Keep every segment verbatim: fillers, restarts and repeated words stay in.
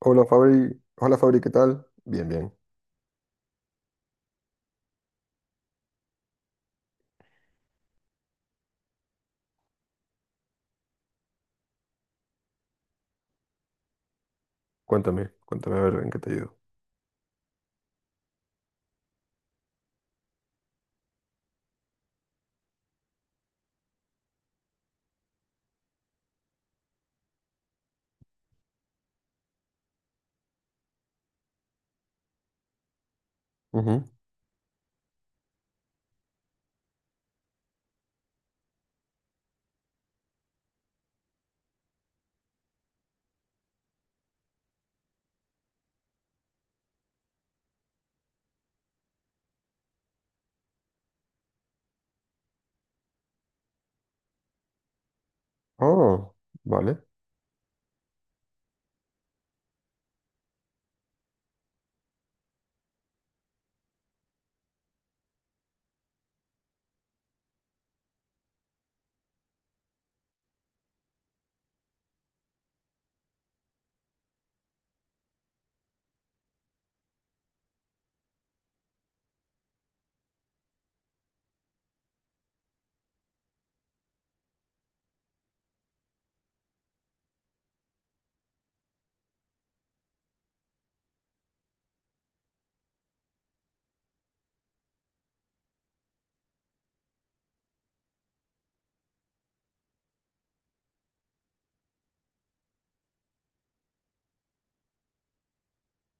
Hola Fabri, hola Fabri, ¿qué tal? Bien, bien. Cuéntame, cuéntame a ver en qué te ayudo. Ujú. Oh, vale,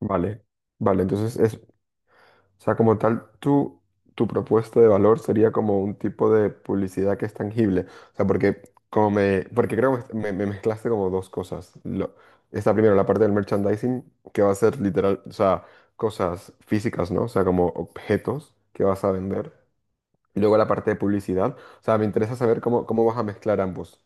vale, vale. Entonces es, o sea, como tal, tu, tu propuesta de valor sería como un tipo de publicidad que es tangible. O sea, porque como me, porque creo que me, me mezclaste como dos cosas. Lo, está primero la parte del merchandising, que va a ser literal, o sea, cosas físicas, ¿no? O sea, como objetos que vas a vender. Y luego la parte de publicidad. O sea, me interesa saber cómo, cómo vas a mezclar ambos.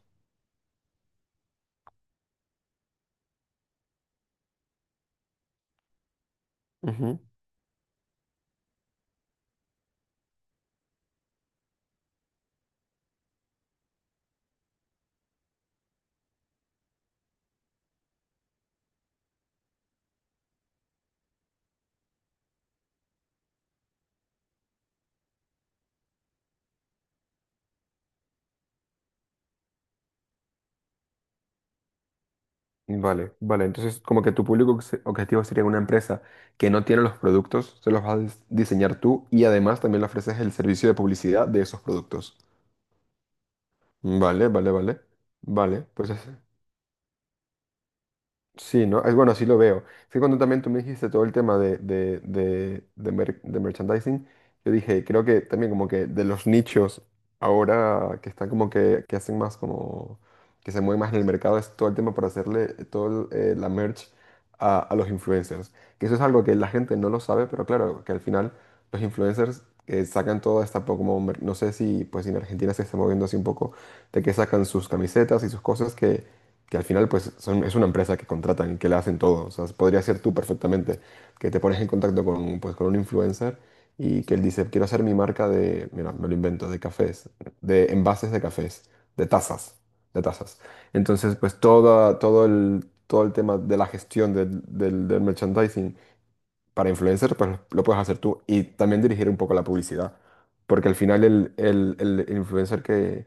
Ujú. Vale, vale. Entonces, como que tu público obje- objetivo sería una empresa que no tiene los productos, se los vas a dis- diseñar tú y además también le ofreces el servicio de publicidad de esos productos. Vale, vale, vale. Vale, pues es- sí, ¿no? Es bueno, así lo veo. Sí, cuando también tú me dijiste todo el tema de, de, de, de mer- de merchandising, yo dije, creo que también como que de los nichos ahora que están como que, que hacen más como, que se mueven más en el mercado, es todo el tema para hacerle todo el, eh, la merch a, a los influencers. Que eso es algo que la gente no lo sabe, pero claro, que al final los influencers eh, sacan toda esta, po- como, mer- no sé si pues en Argentina se está moviendo así un poco, de que sacan sus camisetas y sus cosas que al final pues son- es una empresa que contratan y que le hacen todo. O sea, podría ser tú perfectamente, que te pones en contacto con, pues, con un influencer y que él dice, quiero hacer mi marca de, mira, me lo invento, de cafés, de envases de cafés, de tazas, de tazas. Entonces, pues toda, todo el, todo el tema de la gestión del, del- del merchandising para influencer, pues lo puedes hacer tú y también dirigir un poco la publicidad. Porque al final el, el el influencer que,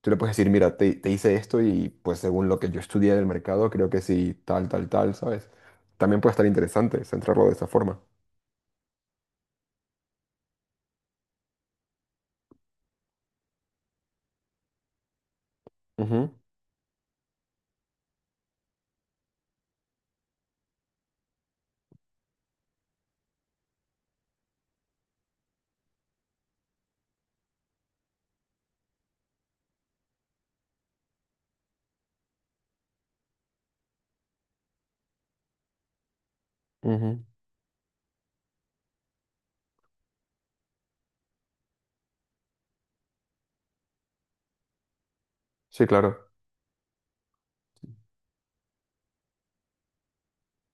tú le puedes decir, mira, te, te hice esto y pues según lo que yo estudié del mercado, creo que sí, tal, tal, tal, ¿sabes? También puede estar interesante centrarlo de esa forma. Ujú, ujú. Sí, claro.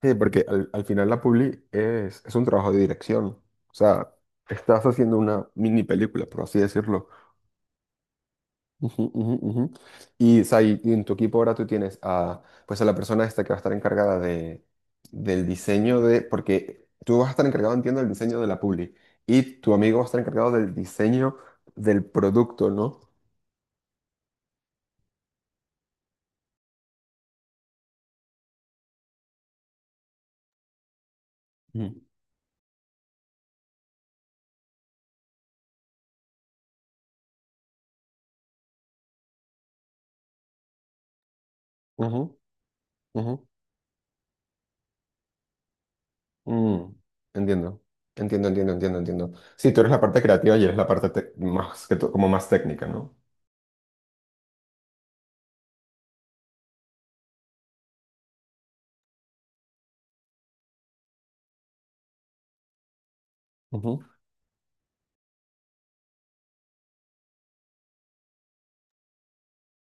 Sí, porque al, al final la publi es, es un trabajo de dirección. O sea, estás haciendo una mini película, por así decirlo. Ujú, ujú, ujú. Y, o sea, y- y en tu equipo ahora tú tienes a, pues a la persona esta que va a estar encargada de, del diseño de, porque tú vas a estar encargado, entiendo, del diseño de la publi y tu amigo va a estar encargado del diseño del producto, ¿no? Mm. Ujú, ujú, mm. Entiendo, entiendo, entiendo, entiendo, entiendo. Sí, tú eres la parte creativa y eres la parte tec- más que to- como más técnica, ¿no?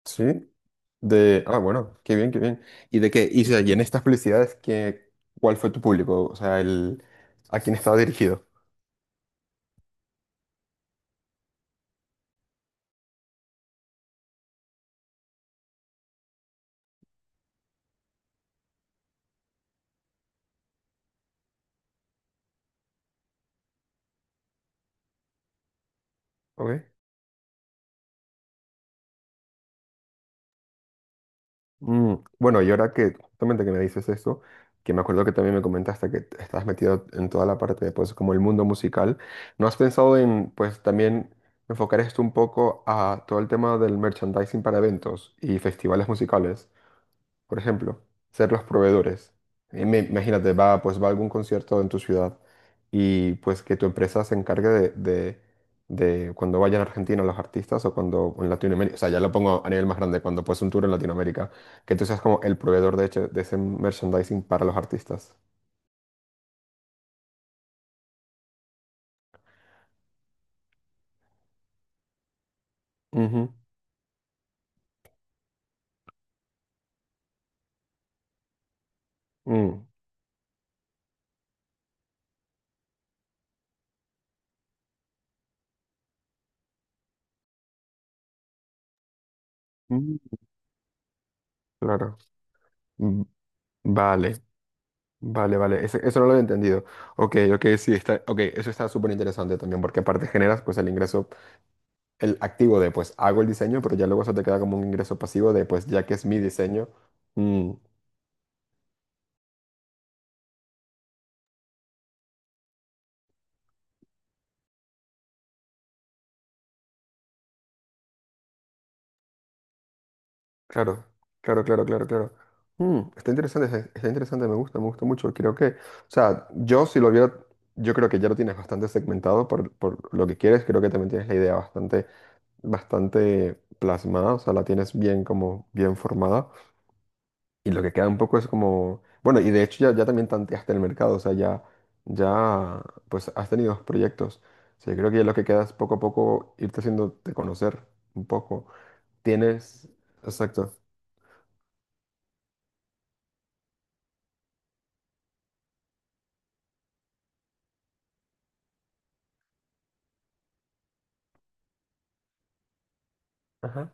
Sí. De, ah, bueno, qué bien, qué bien. ¿Y de qué? Y, o sea, y en estas publicidades, ¿qué, cuál fue tu público? O sea, el, ¿a quién estaba dirigido? Ok. Mm, bueno, y ahora que justamente que me dices esto, que me acuerdo que también me comentaste que t- estás metido en toda la parte de, pues, como el mundo musical, ¿no has pensado en, pues, también enfocar esto un poco a todo el tema del merchandising para eventos y festivales musicales? Por ejemplo, ser los proveedores. Y me- imagínate, va, pues va a algún concierto en tu ciudad y pues que tu empresa se encargue de, de- de cuando vayan a Argentina los artistas o cuando en Latinoamérica, o sea, ya lo pongo a nivel más grande, cuando pues un tour en Latinoamérica, que tú seas como el proveedor de hecho de ese merchandising para los artistas. Ujú. Mm. Mm, claro. Mm, vale, vale, vale. Ese- eso no lo he entendido. Ok, ok, sí, está, ok, eso está súper interesante también porque aparte generas pues el ingreso, el activo de pues hago el diseño, pero ya luego eso te queda como un ingreso pasivo de pues ya que es mi diseño. Mm, claro, claro, claro, claro, claro. Mm, está interesante, está está interesante, me gusta, me gusta mucho. Creo que, o sea, yo si lo viera, yo creo que ya lo tienes bastante segmentado por, por lo que quieres, creo que también tienes la idea bastante, bastante plasmada, o sea, la tienes bien como bien formada. Y lo que queda un poco es como, bueno, y de hecho ya, ya también tanteaste el mercado, o sea, ya, ya, pues has tenido dos proyectos. O sea, yo creo que ya lo que queda es poco a poco irte haciéndote conocer un poco. Tienes, exacto, ajá.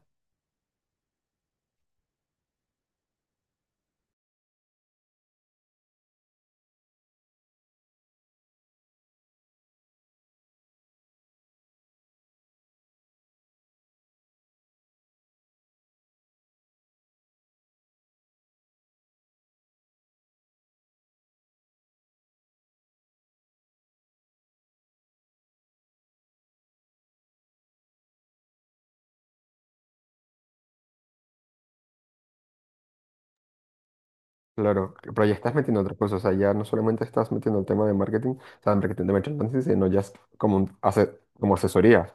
Claro, pero ya estás metiendo otras cosas, o sea, ya no solamente estás metiendo el tema de marketing, o sea, de marketing de merchandising, sino ya es como un ase- como asesoría.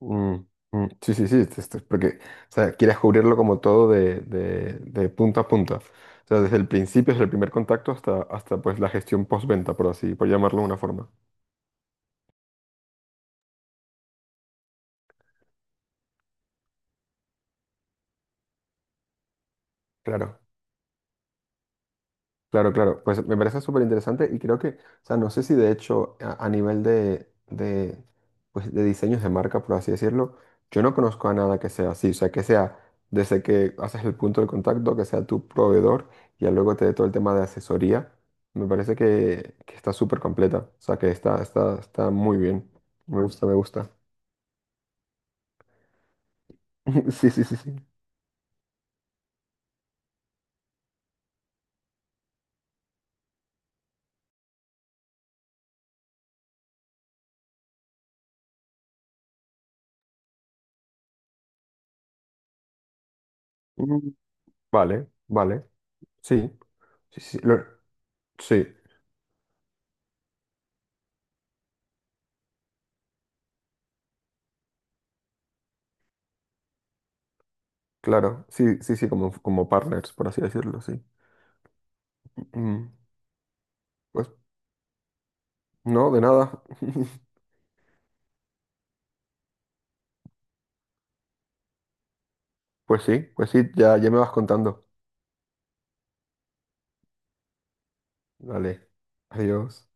Mm, mm. Sí, sí, sí, esto- esto es porque, o sea, quieres cubrirlo como todo de, de, de punta a punta. O sea, desde el principio, desde el primer contacto hasta, hasta pues la gestión postventa, por así, por llamarlo de una forma. Claro. Claro, claro, pues me parece súper interesante y creo que, o sea, no sé si de hecho a, a nivel de, de, pues, de diseños de marca, por así decirlo, yo no conozco a nada que sea así, o sea, que sea desde que haces el punto de contacto, que sea tu proveedor y ya luego te dé todo el tema de asesoría, me parece que, que está súper completa, o sea, que está, está, está muy bien, me gusta, me gusta. Sí, sí, sí, sí. Mm, vale, vale, sí, sí, sí, lo- sí, claro, sí, sí, sí, como, como partners, por así decirlo, sí. Mm, pues no, de nada. Pues sí, pues sí, ya, ya me vas contando. Vale, adiós.